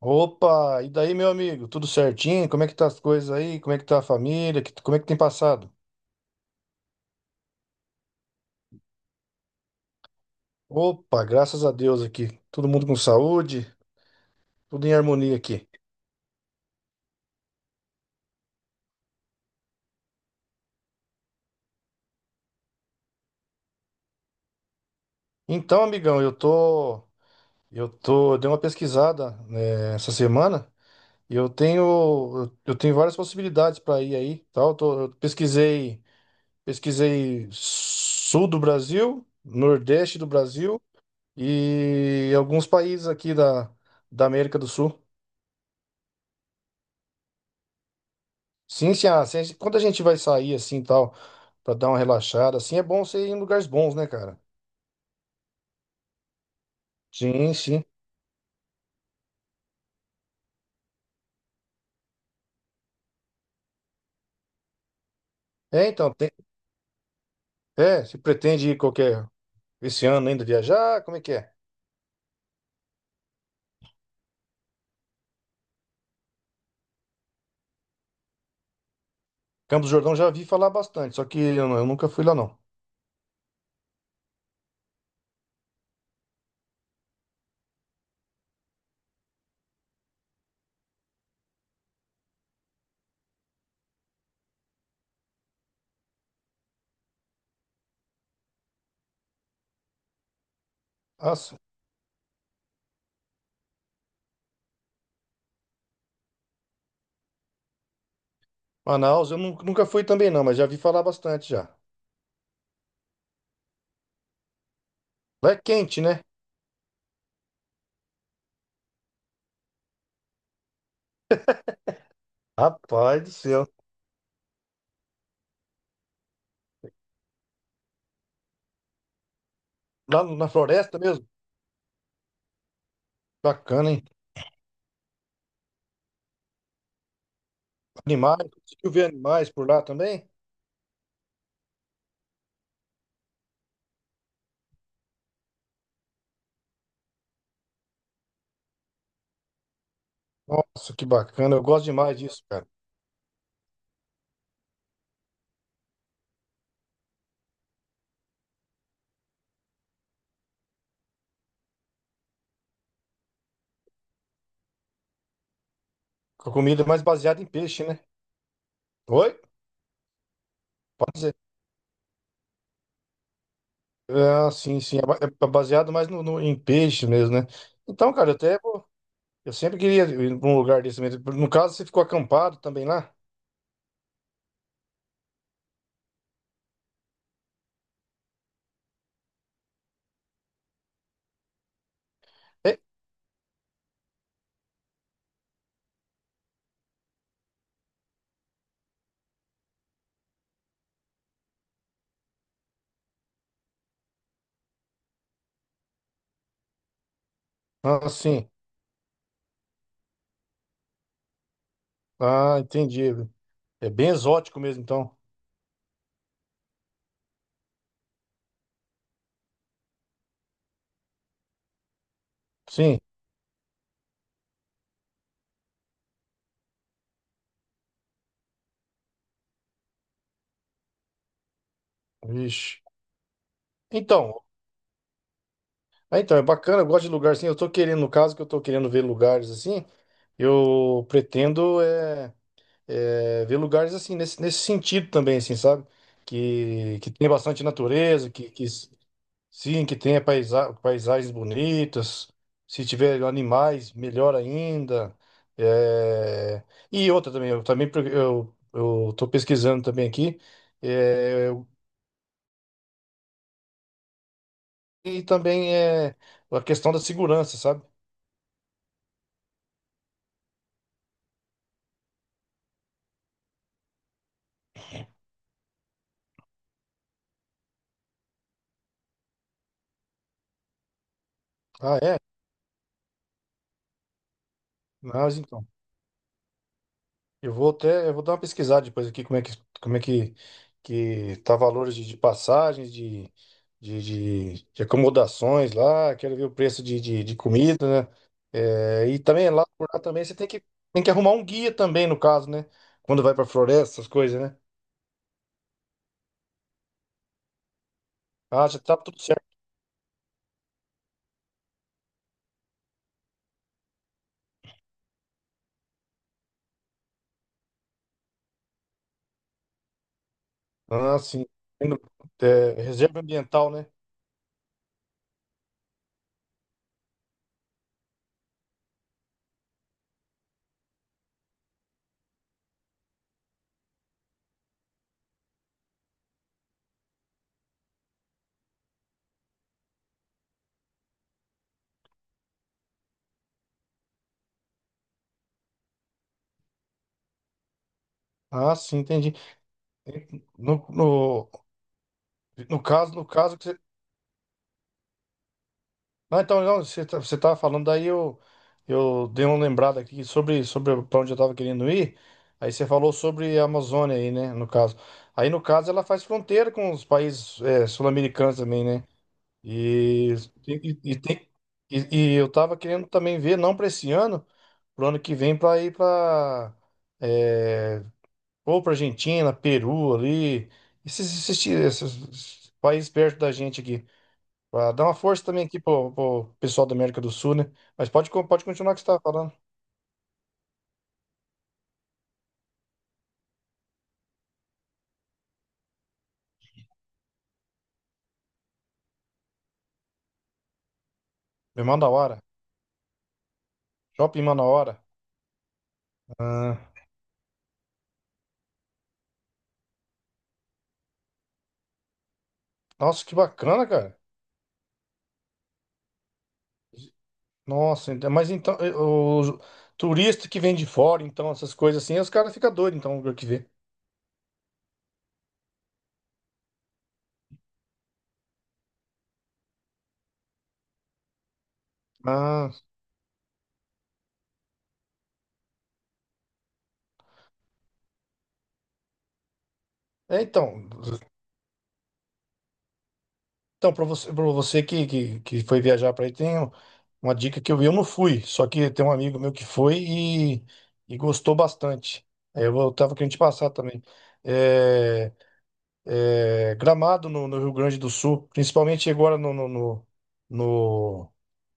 Opa, e daí, meu amigo? Tudo certinho? Como é que tá as coisas aí? Como é que tá a família? Como é que tem passado? Opa, graças a Deus aqui. Todo mundo com saúde, tudo em harmonia aqui. Então, amigão, eu dei uma pesquisada, né, essa semana. Eu tenho várias possibilidades para ir aí, tal. Eu pesquisei sul do Brasil, nordeste do Brasil e alguns países aqui da América do Sul. Sim, sim, ah, se a gente- quando a gente vai sair assim e tal, pra dar uma relaxada, assim, é bom você ir em lugares bons, né, cara? Sim, sim. É, então, tem, se pretende ir esse ano ainda viajar, como é que é? Campos do Jordão já vi falar bastante, só que eu nunca fui lá, não. Nossa, Manaus nunca fui também, não, mas já vi falar bastante já. Lá é quente, né? Rapaz do céu. Lá na floresta mesmo? Bacana, hein? Animais, conseguiu ver animais por lá também? Nossa, que bacana, eu gosto demais disso, cara. A comida é mais baseada em peixe, né? Oi? Pode ser. Ah, sim, sim. É baseado mais em peixe mesmo, né? Então, cara, eu sempre queria ir pra um lugar desse mesmo. No caso, você ficou acampado também lá? É? Ah, sim. Ah, entendi. É bem exótico mesmo, então. Sim. Vixe. Então, ah, então, é bacana, eu gosto de lugar assim. Eu tô querendo, no caso que eu tô querendo ver lugares assim, eu pretendo é, é, ver lugares assim, nesse sentido também, assim, sabe? Que tem bastante natureza, que Sim, que tenha paisagens bonitas. Se tiver animais, melhor ainda. É, e outra também, eu tô pesquisando também aqui. É, eu- E também é a questão da segurança, sabe? Ah, é? Mas então. Eu vou dar uma pesquisada depois aqui como é que, que tá valores de passagens, de, de acomodações lá, quero ver o preço de comida, né? É, e também lá por lá também você tem que arrumar um guia também, no caso, né? Quando vai pra floresta, essas coisas, né? Ah, já tá tudo certo. Ah, sim. Tendo, é, reserva ambiental, né? Ah, sim, entendi. No, no, no caso que você Não, então, não, você tava falando, eu dei uma lembrada aqui sobre para onde eu tava querendo ir. Aí você falou sobre a Amazônia aí, né, no caso. Aí, no caso, ela faz fronteira com os países sul-americanos também, né? E, e, e tem, e eu tava querendo também ver, não para esse ano, pro ano que vem, para ir para ou para Argentina, Peru ali, esses países perto da gente aqui. Pra dar uma força também aqui pro pessoal da América do Sul, né? Mas pode, pode continuar o que você estava falando. Me manda a hora. Shopping manda a hora. Ah, nossa, que bacana, cara. Nossa, mas então, o turista que vem de fora, então, essas coisas assim, os caras ficam doidos, então, o que vê. Ah, é, então para para você que, que foi viajar para aí, uma dica que eu vi, eu não fui, só que tem um amigo meu que foi e gostou bastante. Tava querendo te passar também. É, Gramado no Rio Grande do Sul, principalmente agora no-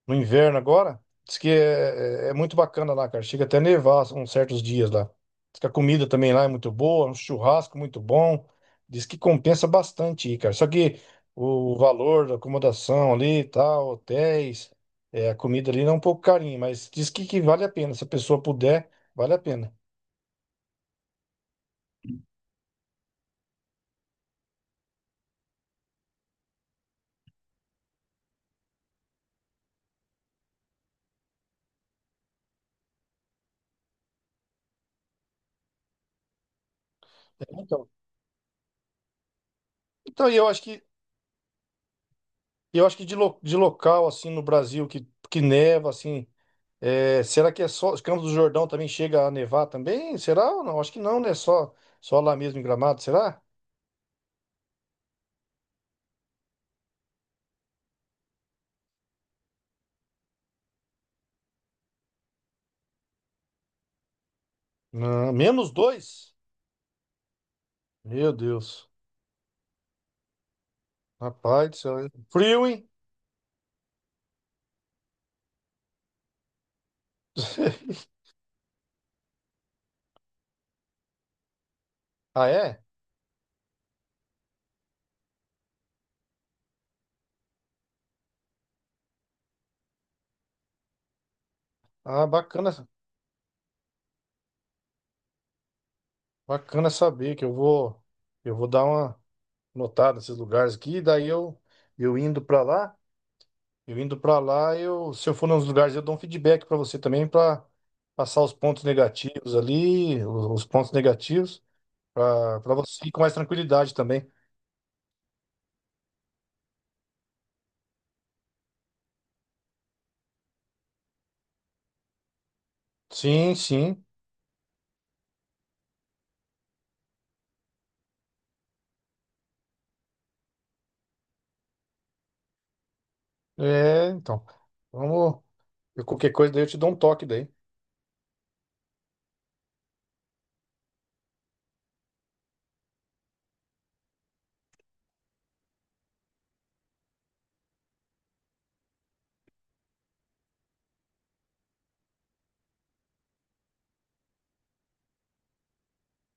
no inverno agora. Diz que é muito bacana lá, cara. Chega até a nevar uns certos dias lá. Diz que a comida também lá é muito boa, um churrasco muito bom. Diz que compensa bastante ir, cara. Só que o valor da acomodação ali e tal, hotéis, é, a comida ali não é um pouco carinho, mas diz que vale a pena. Se a pessoa puder, vale a pena. Então, então, e eu acho que de local, assim, no Brasil, que neva, assim, é, será que é só Campos do Jordão também chega a nevar também? Será ou não? Acho que não, né? Só lá mesmo em Gramado, será? Não, menos dois? Meu Deus. Rapaz do céu. Hein? Frio, hein? Ah, é? Ah, bacana saber que eu vou dar uma notada nesses lugares aqui, eu indo pra lá. Eu indo pra lá, eu, se eu for nos lugares, eu dou um feedback pra você também pra passar os pontos negativos ali, os pontos negativos pra para você ir com mais tranquilidade também. Sim, sim. É, então. Vamos, qualquer coisa daí eu te dou um toque daí.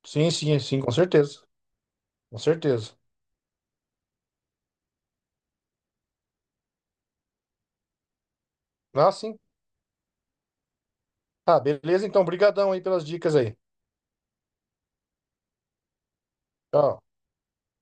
Sim, sim, sim, com certeza. Com certeza. Ah, sim. Ah, beleza então. Obrigadão aí pelas dicas aí. Tchau.